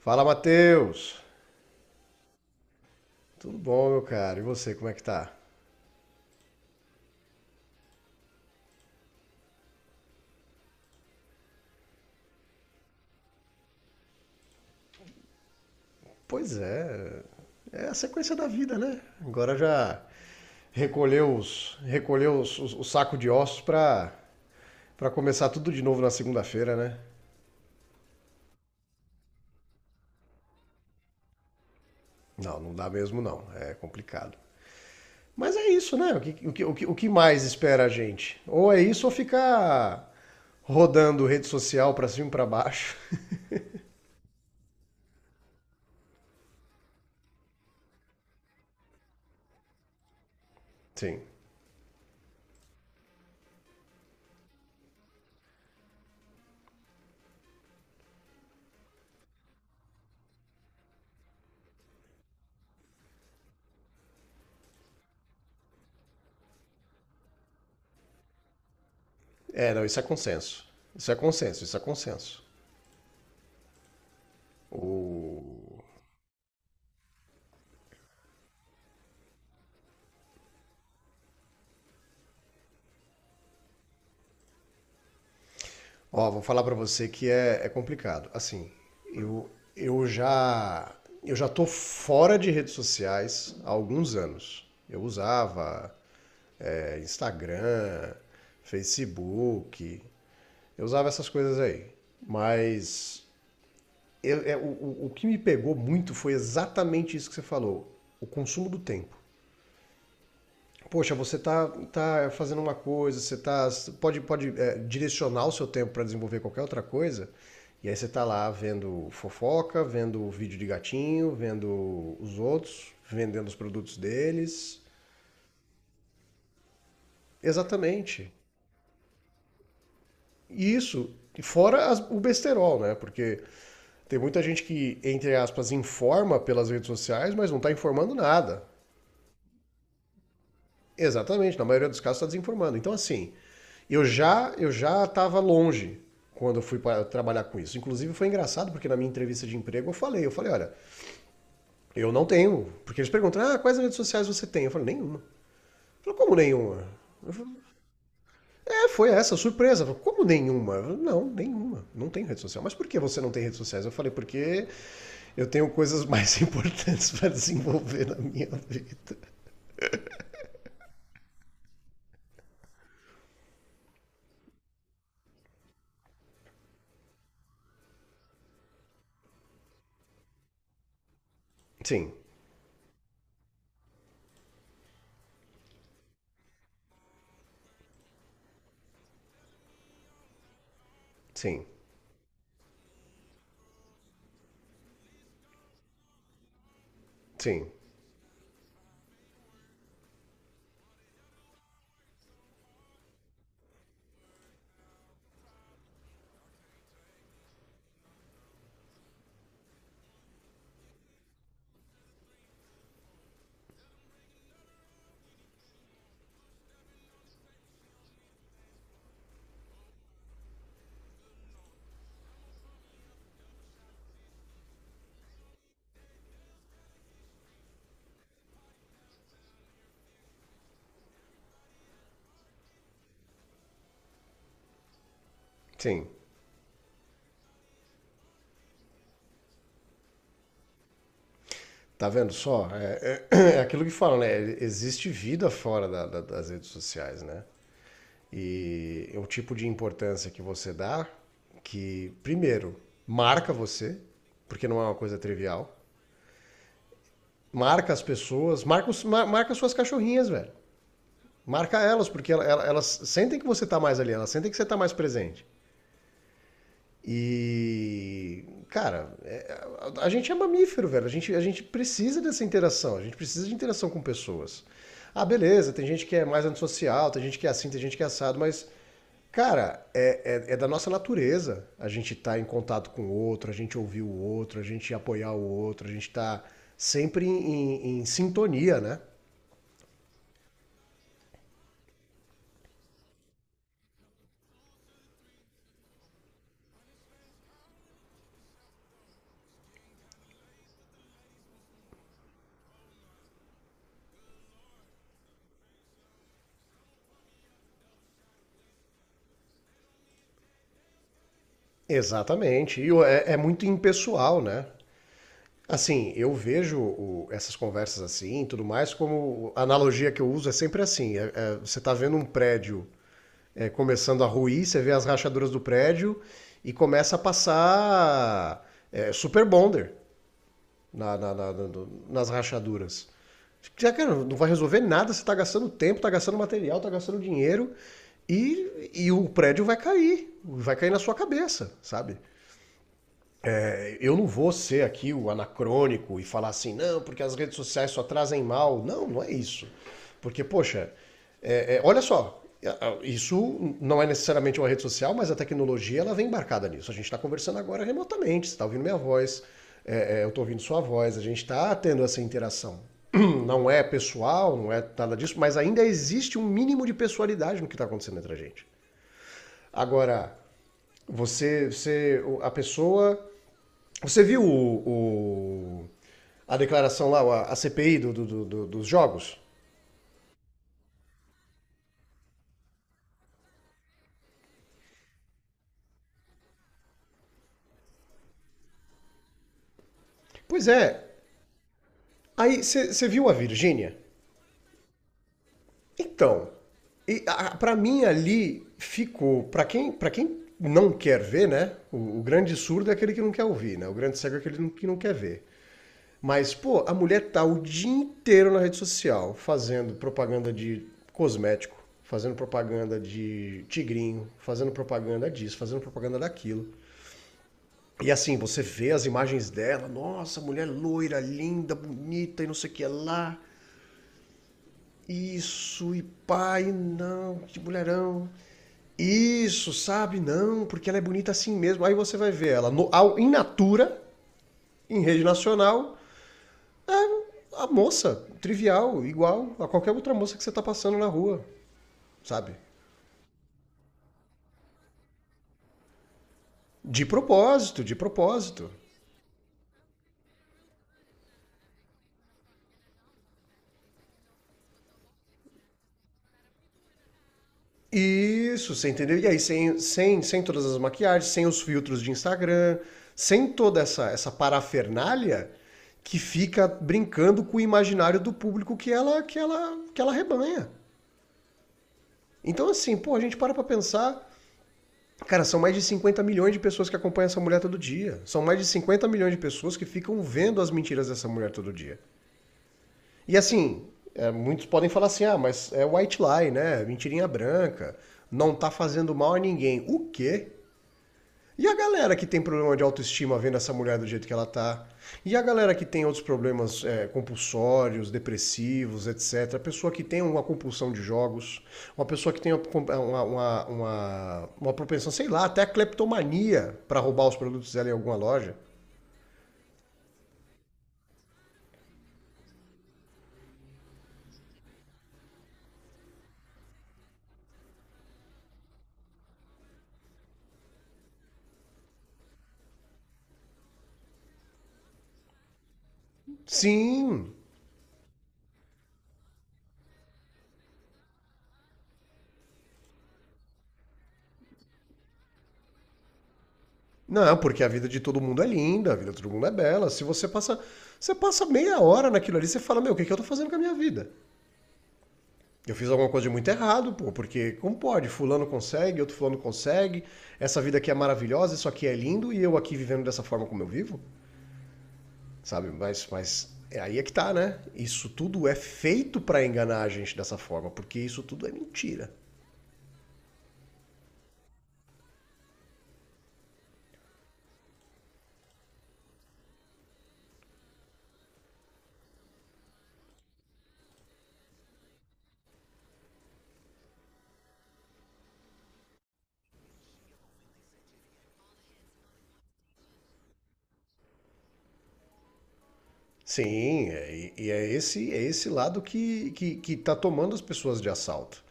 Fala, Matheus! Tudo bom, meu cara? E você, como é que tá? Pois é, é a sequência da vida, né? Agora já o saco de ossos pra começar tudo de novo na segunda-feira, né? Não, não dá mesmo não, é complicado. Mas é isso, né? O que mais espera a gente? Ou é isso ou ficar rodando rede social pra cima e pra baixo. Sim. É, não, isso é consenso. Isso é consenso, isso é consenso. Ó, vou falar pra você é complicado. Assim, eu, eu já eu já tô fora de redes sociais há alguns anos. Eu usava Instagram, Facebook, eu usava essas coisas aí. Mas o que me pegou muito foi exatamente isso que você falou, o consumo do tempo. Poxa, tá fazendo uma coisa, você tá pode direcionar o seu tempo para desenvolver qualquer outra coisa, e aí você tá lá vendo fofoca, vendo vídeo de gatinho, vendo os outros, vendendo os produtos deles. Exatamente. E isso, e fora o besterol, né? Porque tem muita gente que, entre aspas, informa pelas redes sociais, mas não tá informando nada. Exatamente, na maioria dos casos está desinformando. Então, assim, eu já estava longe quando eu fui para trabalhar com isso. Inclusive foi engraçado porque na minha entrevista de emprego eu falei, olha, eu não tenho, porque eles perguntam: "Ah, quais redes sociais você tem?" Eu falei: "Nenhuma". Eu falei, como nenhuma? Eu falei, foi essa surpresa. Eu falei, como nenhuma? Eu falei, não, nenhuma. Não tenho rede social. Mas por que você não tem redes sociais? Eu falei, porque eu tenho coisas mais importantes para desenvolver na minha vida. Sim, sim, sim, sim. Tá vendo só? É aquilo que falam, né? Existe vida fora das redes sociais, né? E é o tipo de importância que você dá que, primeiro, marca você, porque não é uma coisa trivial. Marca as pessoas, marca suas cachorrinhas, velho. Marca elas, porque elas sentem que você tá mais ali, elas sentem que você tá mais presente. E, cara, a gente é mamífero, velho. A gente precisa dessa interação. A gente precisa de interação com pessoas. Ah, beleza, tem gente que é mais antissocial, tem gente que é assim, tem gente que é assado, mas, cara, é da nossa natureza a gente estar em contato com o outro, a gente ouvir o outro, a gente apoiar o outro, a gente tá sempre em em sintonia, né? Exatamente. É muito impessoal, né? Assim, essas conversas assim e tudo mais, como a analogia que eu uso é sempre assim: você está vendo um prédio começando a ruir, você vê as rachaduras do prédio e começa a passar super bonder nas rachaduras. Já, cara, não vai resolver nada, você está gastando tempo, está gastando material, está gastando dinheiro e o prédio vai cair na sua cabeça, sabe? Eu não vou ser aqui o anacrônico e falar assim, não, porque as redes sociais só trazem mal. Não, não é isso. Porque, poxa, olha só, isso não é necessariamente uma rede social, mas a tecnologia ela vem embarcada nisso. A gente está conversando agora remotamente, você está ouvindo minha voz, eu estou ouvindo sua voz, a gente está tendo essa interação. Não é pessoal, não é nada disso, mas ainda existe um mínimo de pessoalidade no que está acontecendo entre a gente. Agora, você a pessoa você viu o- a declaração lá, a CPI dos jogos? Pois é. Aí você viu a Virgínia? Então, para mim ali ficou, para quem não quer ver, né? O grande surdo é aquele que não quer ouvir, né? O grande cego é aquele que não quer ver. Mas, pô, a mulher tá o dia inteiro na rede social fazendo propaganda de cosmético, fazendo propaganda de tigrinho, fazendo propaganda disso, fazendo propaganda daquilo. E assim, você vê as imagens dela, nossa, mulher loira, linda, bonita e não sei o que é lá. Isso, e pai, não, que mulherão. Isso, sabe? Não, porque ela é bonita assim mesmo. Aí você vai ver ela no, ao, in natura, em rede nacional, é a moça, trivial, igual a qualquer outra moça que você tá passando na rua, sabe? De propósito, de propósito. Isso, você entendeu? E aí, sem todas as maquiagens, sem os filtros de Instagram, sem toda essa, essa parafernália que fica brincando com o imaginário do público que ela rebanha. Então, assim, pô, a gente para pra pensar. Cara, são mais de 50 milhões de pessoas que acompanham essa mulher todo dia. São mais de 50 milhões de pessoas que ficam vendo as mentiras dessa mulher todo dia. E assim, é, muitos podem falar assim: ah, mas é white lie, né? Mentirinha branca. Não tá fazendo mal a ninguém. O quê? E a galera que tem problema de autoestima vendo essa mulher do jeito que ela tá? E a galera que tem outros problemas compulsórios, depressivos, etc. A pessoa que tem uma compulsão de jogos, uma pessoa que tem uma propensão, sei lá, até a cleptomania para roubar os produtos dela em alguma loja. Sim, não, porque a vida de todo mundo é linda, a vida de todo mundo é bela. Se você passa, você passa meia hora naquilo ali, você fala, meu, o que eu tô fazendo com a minha vida? Eu fiz alguma coisa de muito errado, pô, porque como pode? Fulano consegue, outro fulano consegue, essa vida aqui é maravilhosa, isso aqui é lindo, e eu aqui vivendo dessa forma como eu vivo, sabe? Mas é aí é que tá, né? Isso tudo é feito para enganar a gente dessa forma, porque isso tudo é mentira. Sim, e é é esse lado que que está tomando as pessoas de assalto.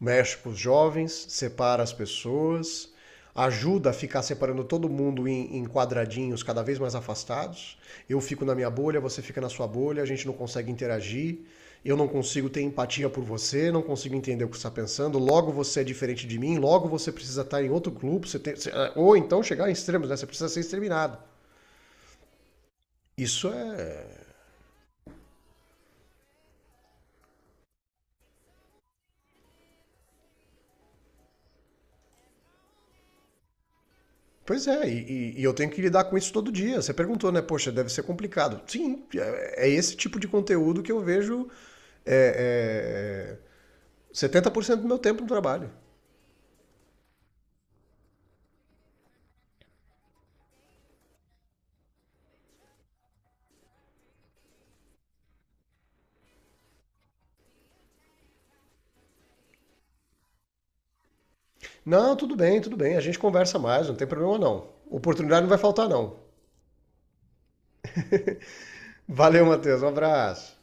Mexe com os jovens, separa as pessoas, ajuda a ficar separando todo mundo em quadradinhos cada vez mais afastados. Eu fico na minha bolha, você fica na sua bolha, a gente não consegue interagir, eu não consigo ter empatia por você, não consigo entender o que você está pensando, logo você é diferente de mim, logo você precisa estar em outro grupo, ou então chegar em extremos, né? Você precisa ser exterminado. Isso é. Pois é, e e eu tenho que lidar com isso todo dia. Você perguntou, né? Poxa, deve ser complicado. Sim, é é esse tipo de conteúdo que eu vejo é, é, 70% do meu tempo no trabalho. Não, tudo bem, tudo bem. A gente conversa mais, não tem problema não. Oportunidade não vai faltar, não. Valeu, Matheus. Um abraço.